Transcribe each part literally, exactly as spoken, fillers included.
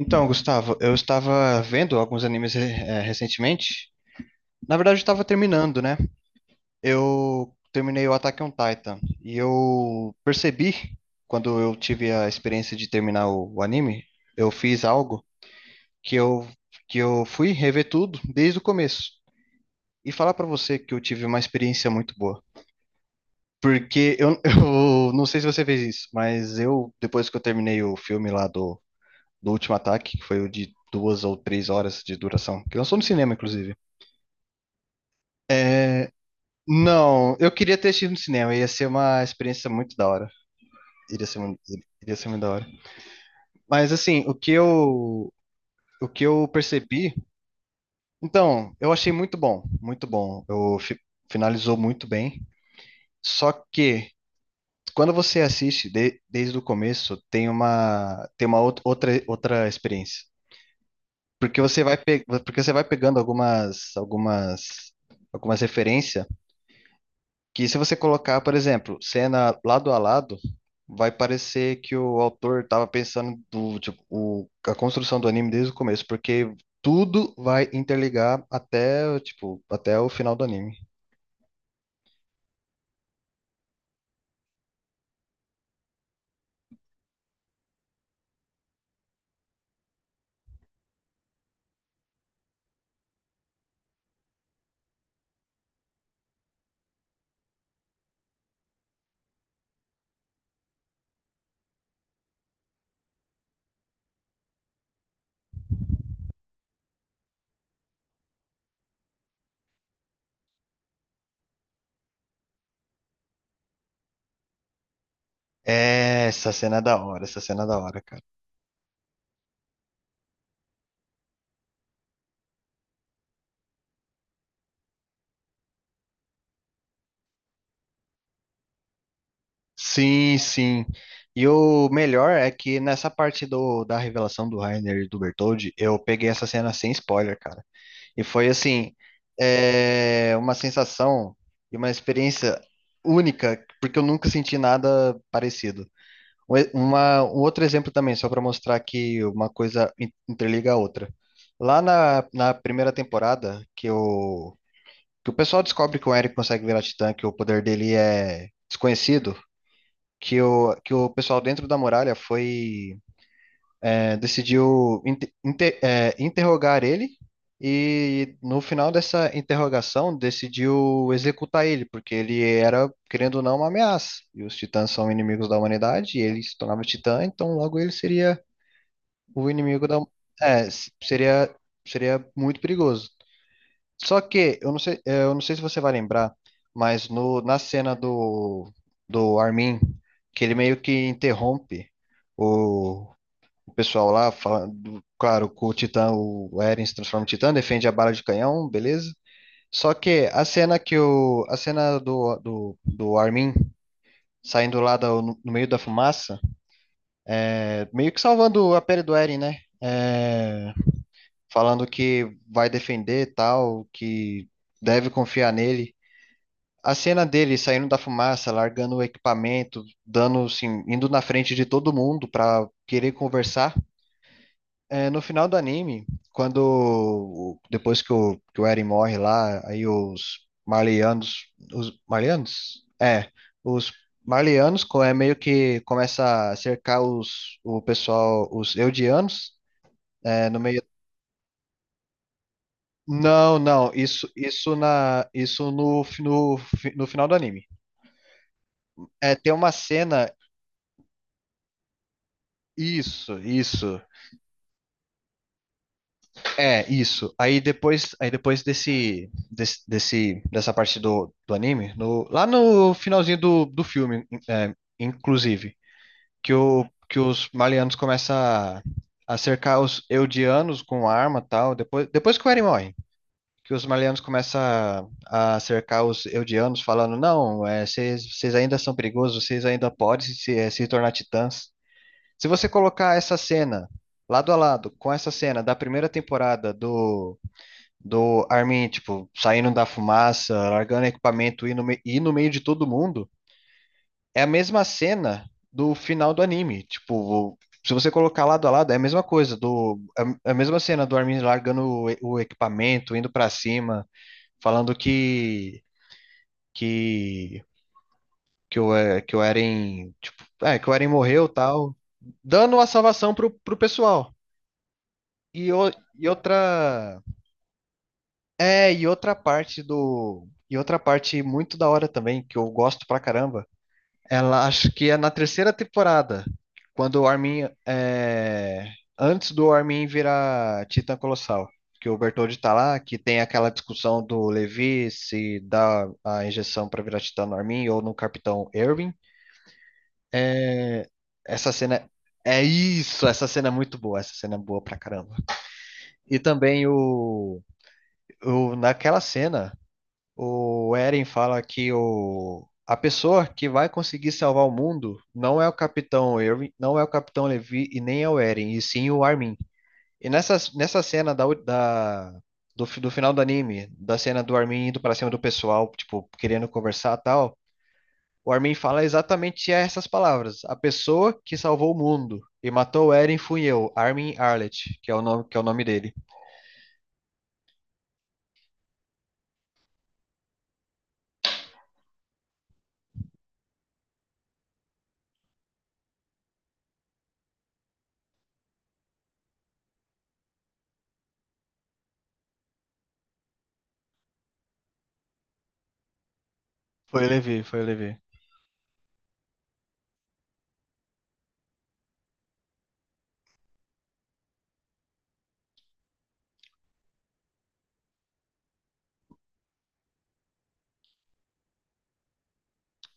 Então, Gustavo, eu estava vendo alguns animes eh, recentemente. Na verdade, eu estava terminando, né? Eu terminei o Attack on Titan e eu percebi, quando eu tive a experiência de terminar o, o anime, eu fiz algo que eu, que eu fui rever tudo desde o começo. E falar pra você que eu tive uma experiência muito boa. Porque eu, eu não sei se você fez isso, mas eu, depois que eu terminei o filme lá do do último ataque, que foi o de duas ou três horas de duração, que lançou no cinema, inclusive. Não, eu queria ter assistido no cinema, ia ser uma experiência muito da hora. Iria ser muito, Iria ser muito da hora. Mas assim, o que eu, o que eu percebi, então, eu achei muito bom, muito bom. Eu fi- finalizou muito bem. Só que quando você assiste de- desde o começo, tem uma tem uma outra outra, outra experiência. Porque você vai pe- porque você vai pegando algumas algumas algumas referências. Que se você colocar, por exemplo, cena lado a lado, vai parecer que o autor estava pensando do, tipo, o- a construção do anime desde o começo, porque tudo vai interligar até, tipo, até o final do anime. É, essa cena é da hora, essa cena é da hora, cara. Sim, sim. E o melhor é que nessa parte do, da revelação do Rainer e do Bertoldi, eu peguei essa cena sem spoiler, cara. E foi assim, é, uma sensação e uma experiência única, porque eu nunca senti nada parecido. Um e- Uma, um outro exemplo também, só para mostrar que uma coisa in- interliga a outra. Lá na, na primeira temporada, que o, que o pessoal descobre que o Eric consegue virar titã, que o poder dele é desconhecido, que o, que o pessoal dentro da muralha foi é, decidiu inte- inte- é, interrogar ele e no final dessa interrogação decidiu executar ele, porque ele era, querendo ou não, uma ameaça. E os titãs são inimigos da humanidade e ele se tornava titã, então logo ele seria o inimigo da... É, s- seria, seria muito perigoso. Só que, eu não sei, é, eu não sei se você vai lembrar, mas no, na cena do, do Armin, que ele meio que interrompe o o pessoal lá falando, claro, com o Titã, o Eren se transforma em Titã, defende a bala de canhão, beleza? Só que a cena que o, a cena do, do, do Armin saindo lá da- no, no meio da fumaça, é, meio que salvando a pele do Eren, né? É, falando que vai defender e tal, que deve confiar nele. A cena dele saindo da fumaça, largando o equipamento, dando, assim, indo na frente de todo mundo pra querer conversar. É, no final do anime, quando o- depois que o, que o Eren morre lá, aí os Marleyanos, os Marleyanos? É, os Marleyanos co- é meio que começa a cercar os o pessoal, os Eldianos, é, no meio. Não, não, isso isso na isso no, fi- no, fi- no final do anime. É, tem uma cena, isso, isso. É, isso. Aí depois, aí depois desse, desse, desse- dessa parte do, do anime, no- lá no finalzinho do, do filme, é, inclusive, que, o, que os malianos começam a, a cercar os eudianos com arma e tal, depois, depois que o Eren morre, que os malianos começam a, a cercar os eudianos falando, não, é, vocês vocês ainda são perigosos, vocês ainda podem se, eh, se tornar titãs. Se você colocar essa cena lado a lado com essa cena da primeira temporada do do Armin, tipo, saindo da fumaça, largando equipamento e ir no, me- e no meio de todo mundo, é a mesma cena do final do anime. Tipo, se você colocar lado a lado, é a mesma coisa, do, é é a mesma cena do Armin largando o, e- o equipamento, indo pra cima, falando que que que o, é que o Eren, tipo, é, que o Eren morreu, tal, dando a salvação pro, pro pessoal. E, o- e outra É, e outra parte do. E outra parte muito da hora também, que eu gosto pra caramba, ela acho que é na terceira temporada, quando o Armin. É, antes do Armin virar Titã Colossal, que o Bertoldi tá lá, que tem aquela discussão do Levi se dá a injeção pra virar Titã no Armin ou no Capitão Erwin. É, essa cena. É isso, essa cena é muito boa, essa cena é boa pra caramba. E também o, o naquela cena. O Eren fala que o, a pessoa que vai conseguir salvar o mundo não é o Capitão Irving, não é o Capitão Levi e nem é o Eren, e sim o Armin. E nessa, nessa cena da, da- do, fi- do final do anime, da cena do Armin indo pra cima do pessoal, tipo, querendo conversar e tal, o Armin fala exatamente essas palavras. A pessoa que salvou o mundo e matou o Eren fui eu, Armin Arlet, que é o nome, que é o nome dele. Foi o Levi, foi o Levi.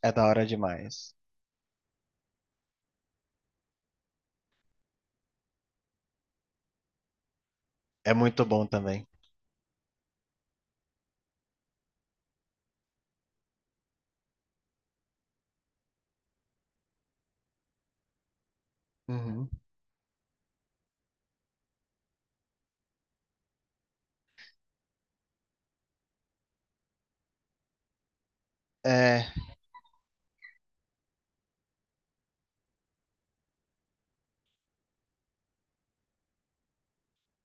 É da hora demais. É muito bom também. Uhum. É,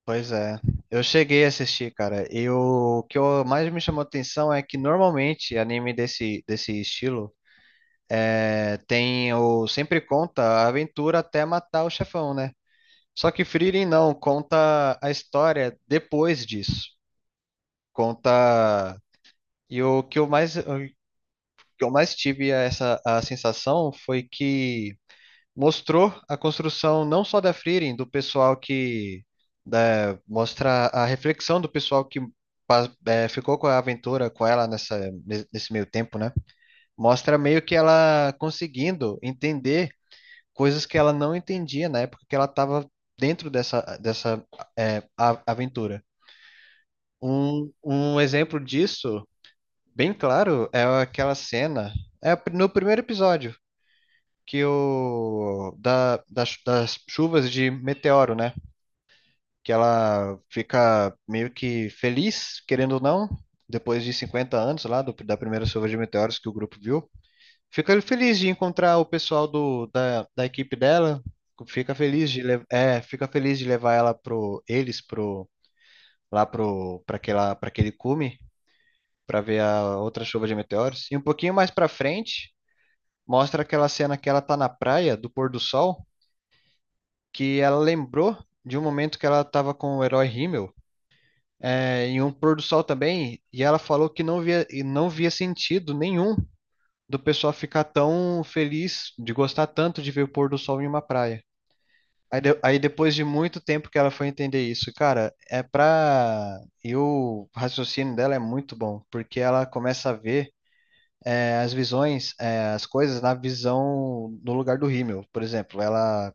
pois é. Eu cheguei a assistir, cara. E o que eu- mais me chamou atenção é que normalmente anime desse, desse estilo é, tem o sempre conta a aventura até matar o chefão, né? Só que Frieren não, conta a história depois disso. Conta. E o que eu mais, o que eu mais tive essa a sensação foi que mostrou a construção não só da Frieren, do pessoal que né, mostra a reflexão do pessoal que pa- eh, ficou com a aventura com ela nessa, nesse meio tempo, né? Mostra meio que ela conseguindo entender coisas que ela não entendia na época que ela estava dentro dessa, dessa eh, a- aventura. Um, um exemplo disso, bem claro, é aquela cena, é no primeiro episódio que o da, das, das chuvas de meteoro, né? Que ela fica meio que feliz, querendo ou não, depois de cinquenta anos lá do- da primeira chuva de meteoros que o grupo viu. Fica feliz de encontrar o pessoal do, da, da equipe dela, fica feliz de le- é, fica feliz de levar ela pro eles pro lá pro para aquela para aquele cume para ver a outra chuva de meteoros. E um pouquinho mais para frente, mostra aquela cena que ela tá na praia do pôr do sol que ela lembrou de um momento que ela estava com o herói Himmel, é, em um pôr do sol também, e ela falou que não via, não via sentido nenhum do pessoal ficar tão feliz, de gostar tanto de ver o pôr do sol em uma praia. Aí, de- aí depois de muito tempo que ela foi entender isso, cara, é pra. E o raciocínio dela é muito bom, porque ela começa a ver é, as visões, é, as coisas na visão no lugar do Himmel, por exemplo. Ela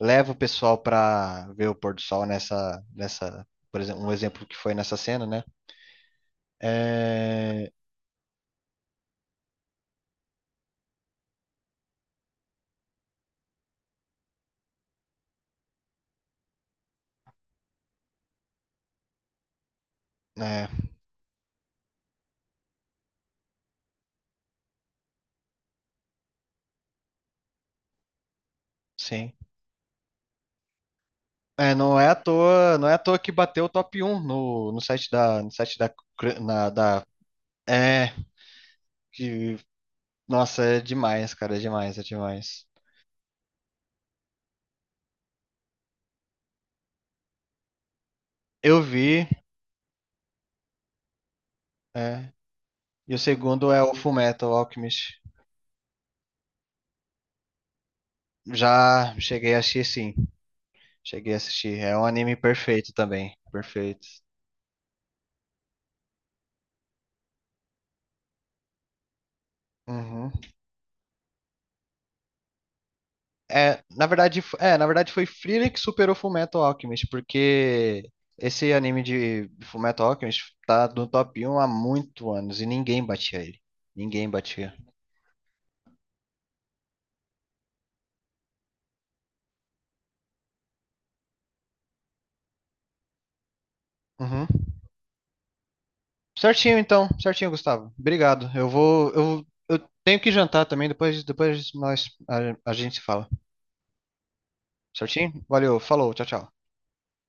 leva o pessoal para ver o pôr do sol nessa, nessa, por exemplo, um exemplo que foi nessa cena, né? É, é, sim. É, não é à toa, não é à toa que bateu o top um no, no site da, no site da, cr- na- da, é, que, nossa, é demais, cara, é demais, é demais. Eu vi, é, e o segundo é o Fullmetal Alchemist. Já cheguei a assistir, sim, cheguei a assistir. É um anime perfeito também, perfeito. Uhum. É, na verdade, f- é, na verdade foi Frieren que superou Fullmetal Alchemist, porque esse anime de Fullmetal Alchemist tá no top um há muito anos e ninguém batia ele. Ninguém batia. Uhum. Certinho então, certinho, Gustavo. Obrigado. Eu vou, eu, eu tenho que jantar também, depois, depois nós a, a gente se fala. Certinho? Valeu, falou, tchau, tchau.